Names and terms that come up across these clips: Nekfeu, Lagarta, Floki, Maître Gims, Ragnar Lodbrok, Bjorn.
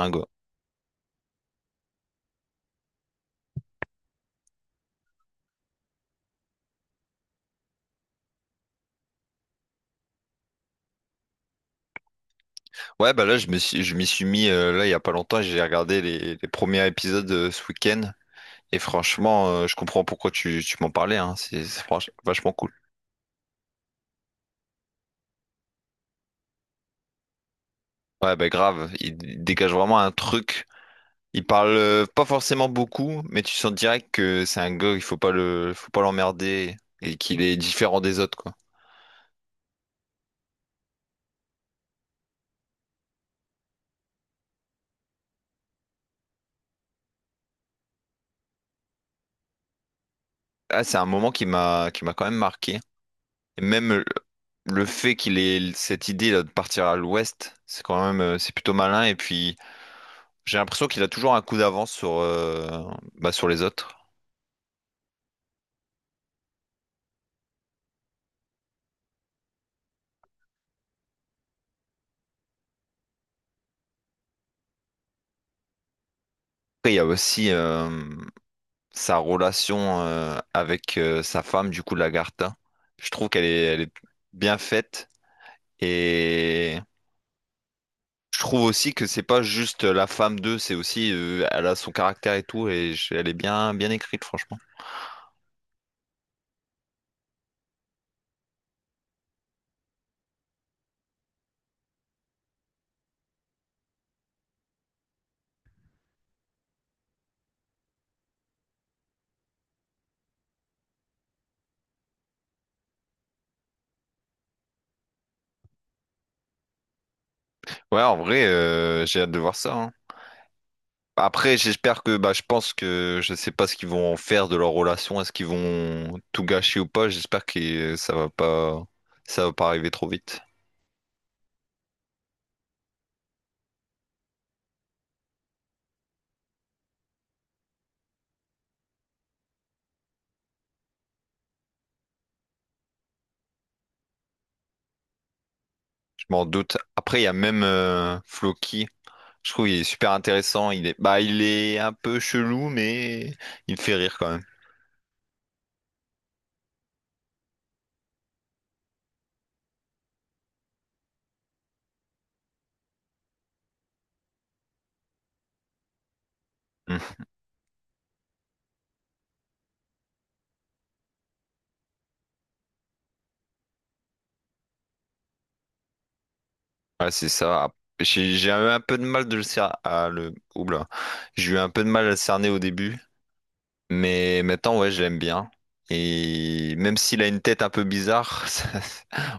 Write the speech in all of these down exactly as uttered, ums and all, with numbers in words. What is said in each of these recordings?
Un go. Ouais, bah là, je me suis, je m'y suis mis euh, là il y a pas longtemps. J'ai regardé les, les premiers épisodes euh, ce week-end et franchement, euh, je comprends pourquoi tu, tu m'en parlais. Hein. C'est c'est franch- vachement cool. Ouais, bah grave. Il, il dégage vraiment un truc. Il parle euh, pas forcément beaucoup, mais tu sens direct que c'est un gars. Il faut pas le, Faut pas l'emmerder et qu'il est différent des autres, quoi. Ah, c'est un moment qui m'a, qui m'a quand même marqué. Et même euh, le fait qu'il ait cette idée là, de partir à l'ouest, c'est quand même euh, c'est plutôt malin. Et puis j'ai l'impression qu'il a toujours un coup d'avance sur, euh, bah, sur les autres. Après, il y a aussi euh, sa relation euh, avec euh, sa femme, du coup, Lagarta. Je trouve qu'elle est, elle est bien faite. Et je trouve aussi que c'est pas juste la femme d'eux, c'est aussi euh, elle a son caractère et tout. Et je- elle est bien, bien écrite, franchement. Ouais, en vrai, euh, j'ai hâte de voir ça, hein. Après, j'espère que, bah, je pense que je sais pas ce qu'ils vont en faire de leur relation. Est-ce qu'ils vont tout gâcher ou pas? J'espère que euh, ça va pas, ça va pas arriver trop vite. Je m'en doute. Après, il y a même euh, Floki. Je trouve qu'il est super intéressant. Il est, bah, il est un peu chelou, mais il fait rire quand même. Mm. Ouais, c'est ça. Ah, J'ai j'ai eu un peu de mal de le cerner. Ah, le... Oula. J'ai eu un peu de mal à le cerner au début. Mais maintenant, ouais, je l'aime bien. Et même s'il a une tête un peu bizarre, ça-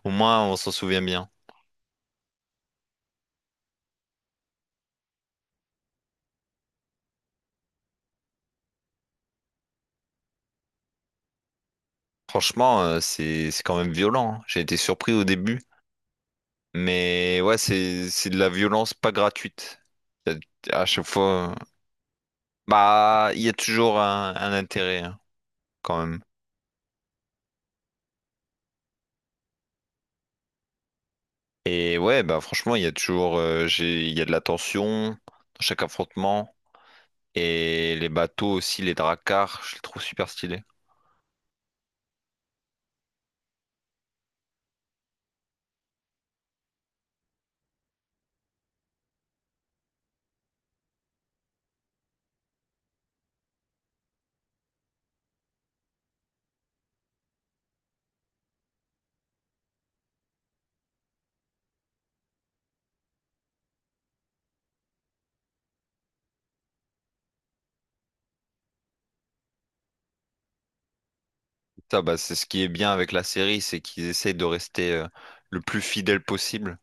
au moins on s'en souvient bien. Franchement, euh, c'est c'est quand même violent, hein. J'ai été surpris au début. Mais ouais, c'est c'est de la violence pas gratuite. Y a- À chaque fois, euh, bah, il y a toujours un, un intérêt hein, quand même. Et ouais, bah franchement, il y a toujours euh, j'ai, il y a de la tension dans chaque affrontement. Et les bateaux aussi, les dracars, je les trouve super stylés. Ça, bah, c'est ce qui est bien avec la série, c'est qu'ils essayent de rester euh, le plus fidèle possible.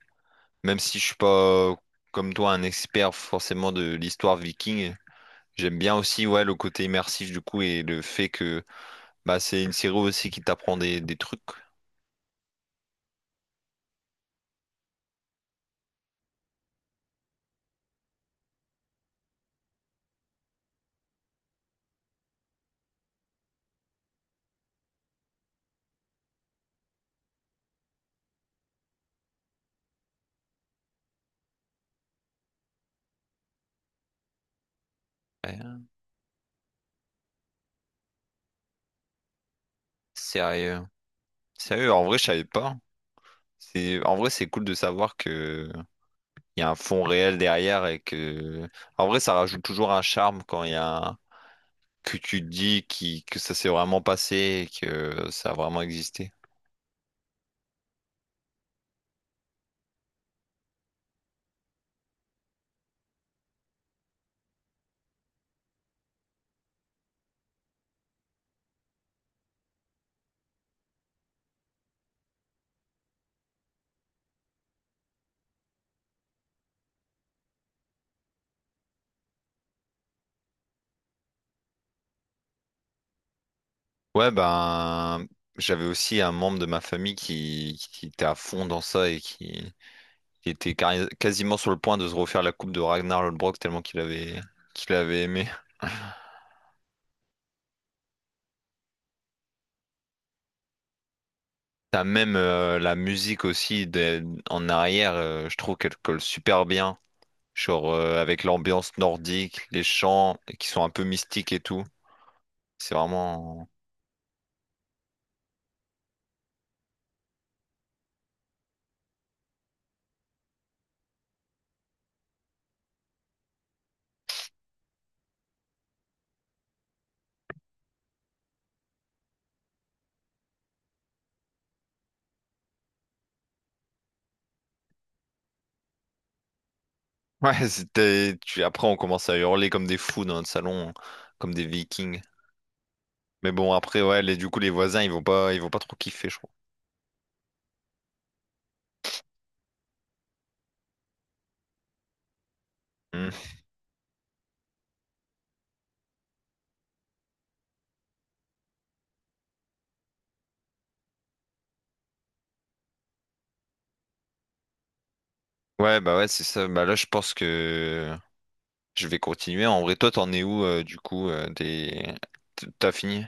Même si je suis pas, euh, comme toi, un expert forcément de l'histoire viking, j'aime bien aussi ouais, le côté immersif du coup et le fait que bah, c'est une série aussi qui t'apprend des, des trucs. Ouais, sérieux. Sérieux, en vrai, je savais pas. C'est, en vrai, c'est cool de savoir que il y a un fond réel derrière et que, en vrai, ça rajoute toujours un charme quand il y a que tu te dis qui, que ça s'est vraiment passé et que ça a vraiment existé. Ouais, ben, j'avais aussi un membre de ma famille qui, qui était à fond dans ça et qui, qui était cari- quasiment sur le point de se refaire la coupe de Ragnar Lodbrok tellement qu'il avait, qu'il avait aimé. T'as même euh, la musique aussi des- en arrière, euh, je trouve qu'elle colle super bien. Genre euh, avec l'ambiance nordique, les chants qui sont un peu mystiques et tout. C'est vraiment. Ouais, c'était. Tu- Après, on commence à hurler comme des fous dans notre salon, comme des Vikings. Mais bon, après, ouais, les... du coup, les voisins, ils vont pas, ils vont pas trop kiffer, je crois. Hmm. Ouais, bah ouais, c'est ça. Bah là, je pense que je vais continuer. En vrai, toi, t'en es où, euh, du coup, euh, des... t- T'as fini?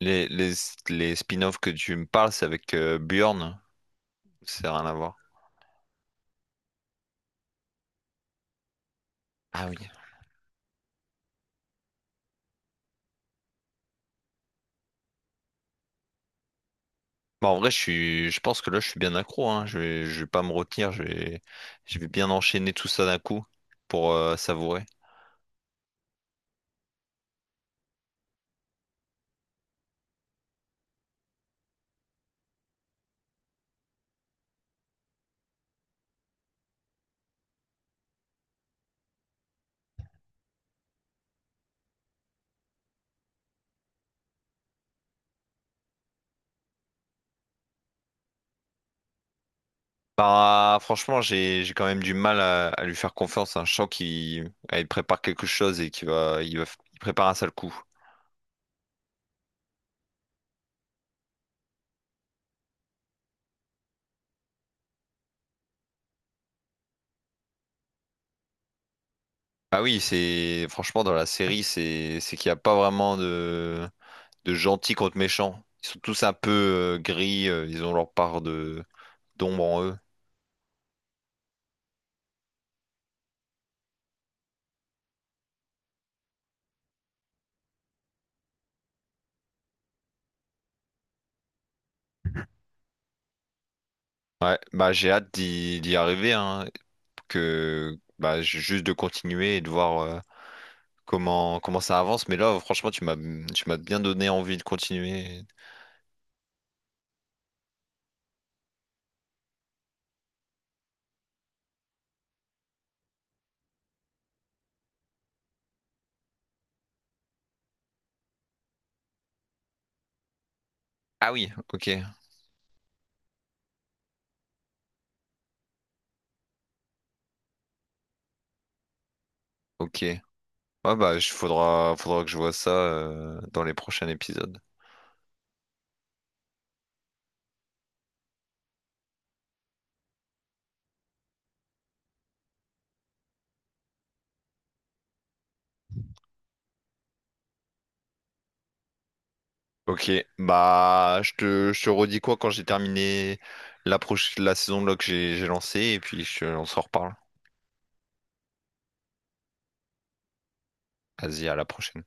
Les, les, les spin-offs que tu me parles, c'est avec euh, Bjorn. C'est rien à voir. Ah oui. Bah, en vrai, je suis, je pense que là, je suis bien accro, hein. Je vais, je vais pas me retenir. Je vais, je vais bien enchaîner tout ça d'un coup pour euh, savourer. Bah, franchement, j'ai j'ai quand même du mal à, à lui faire confiance. Hein. Je sens qu'il ah, il prépare quelque chose et qu'il va il va il prépare un sale coup. Ah oui, c'est franchement dans la série, c'est c'est qu'il n'y a pas vraiment de de gentils contre méchants. Ils sont tous un peu euh, gris. Euh, ils ont leur part de d'ombre en eux. Ouais, bah j'ai hâte d'y d'y arriver. Hein, que bah j'ai juste de continuer et de voir euh, comment comment ça avance. Mais là, franchement, tu m'as tu m'as bien donné envie de continuer. Ah oui, ok. Ok. Ah bah, il faudra, faudra que je vois ça euh, dans les prochains épisodes. Ok, bah je te, je te redis quoi quand j'ai terminé la, proche- la saison de là que j'ai j'ai lancée et puis je, on s'en reparle. Vas-y, à la prochaine.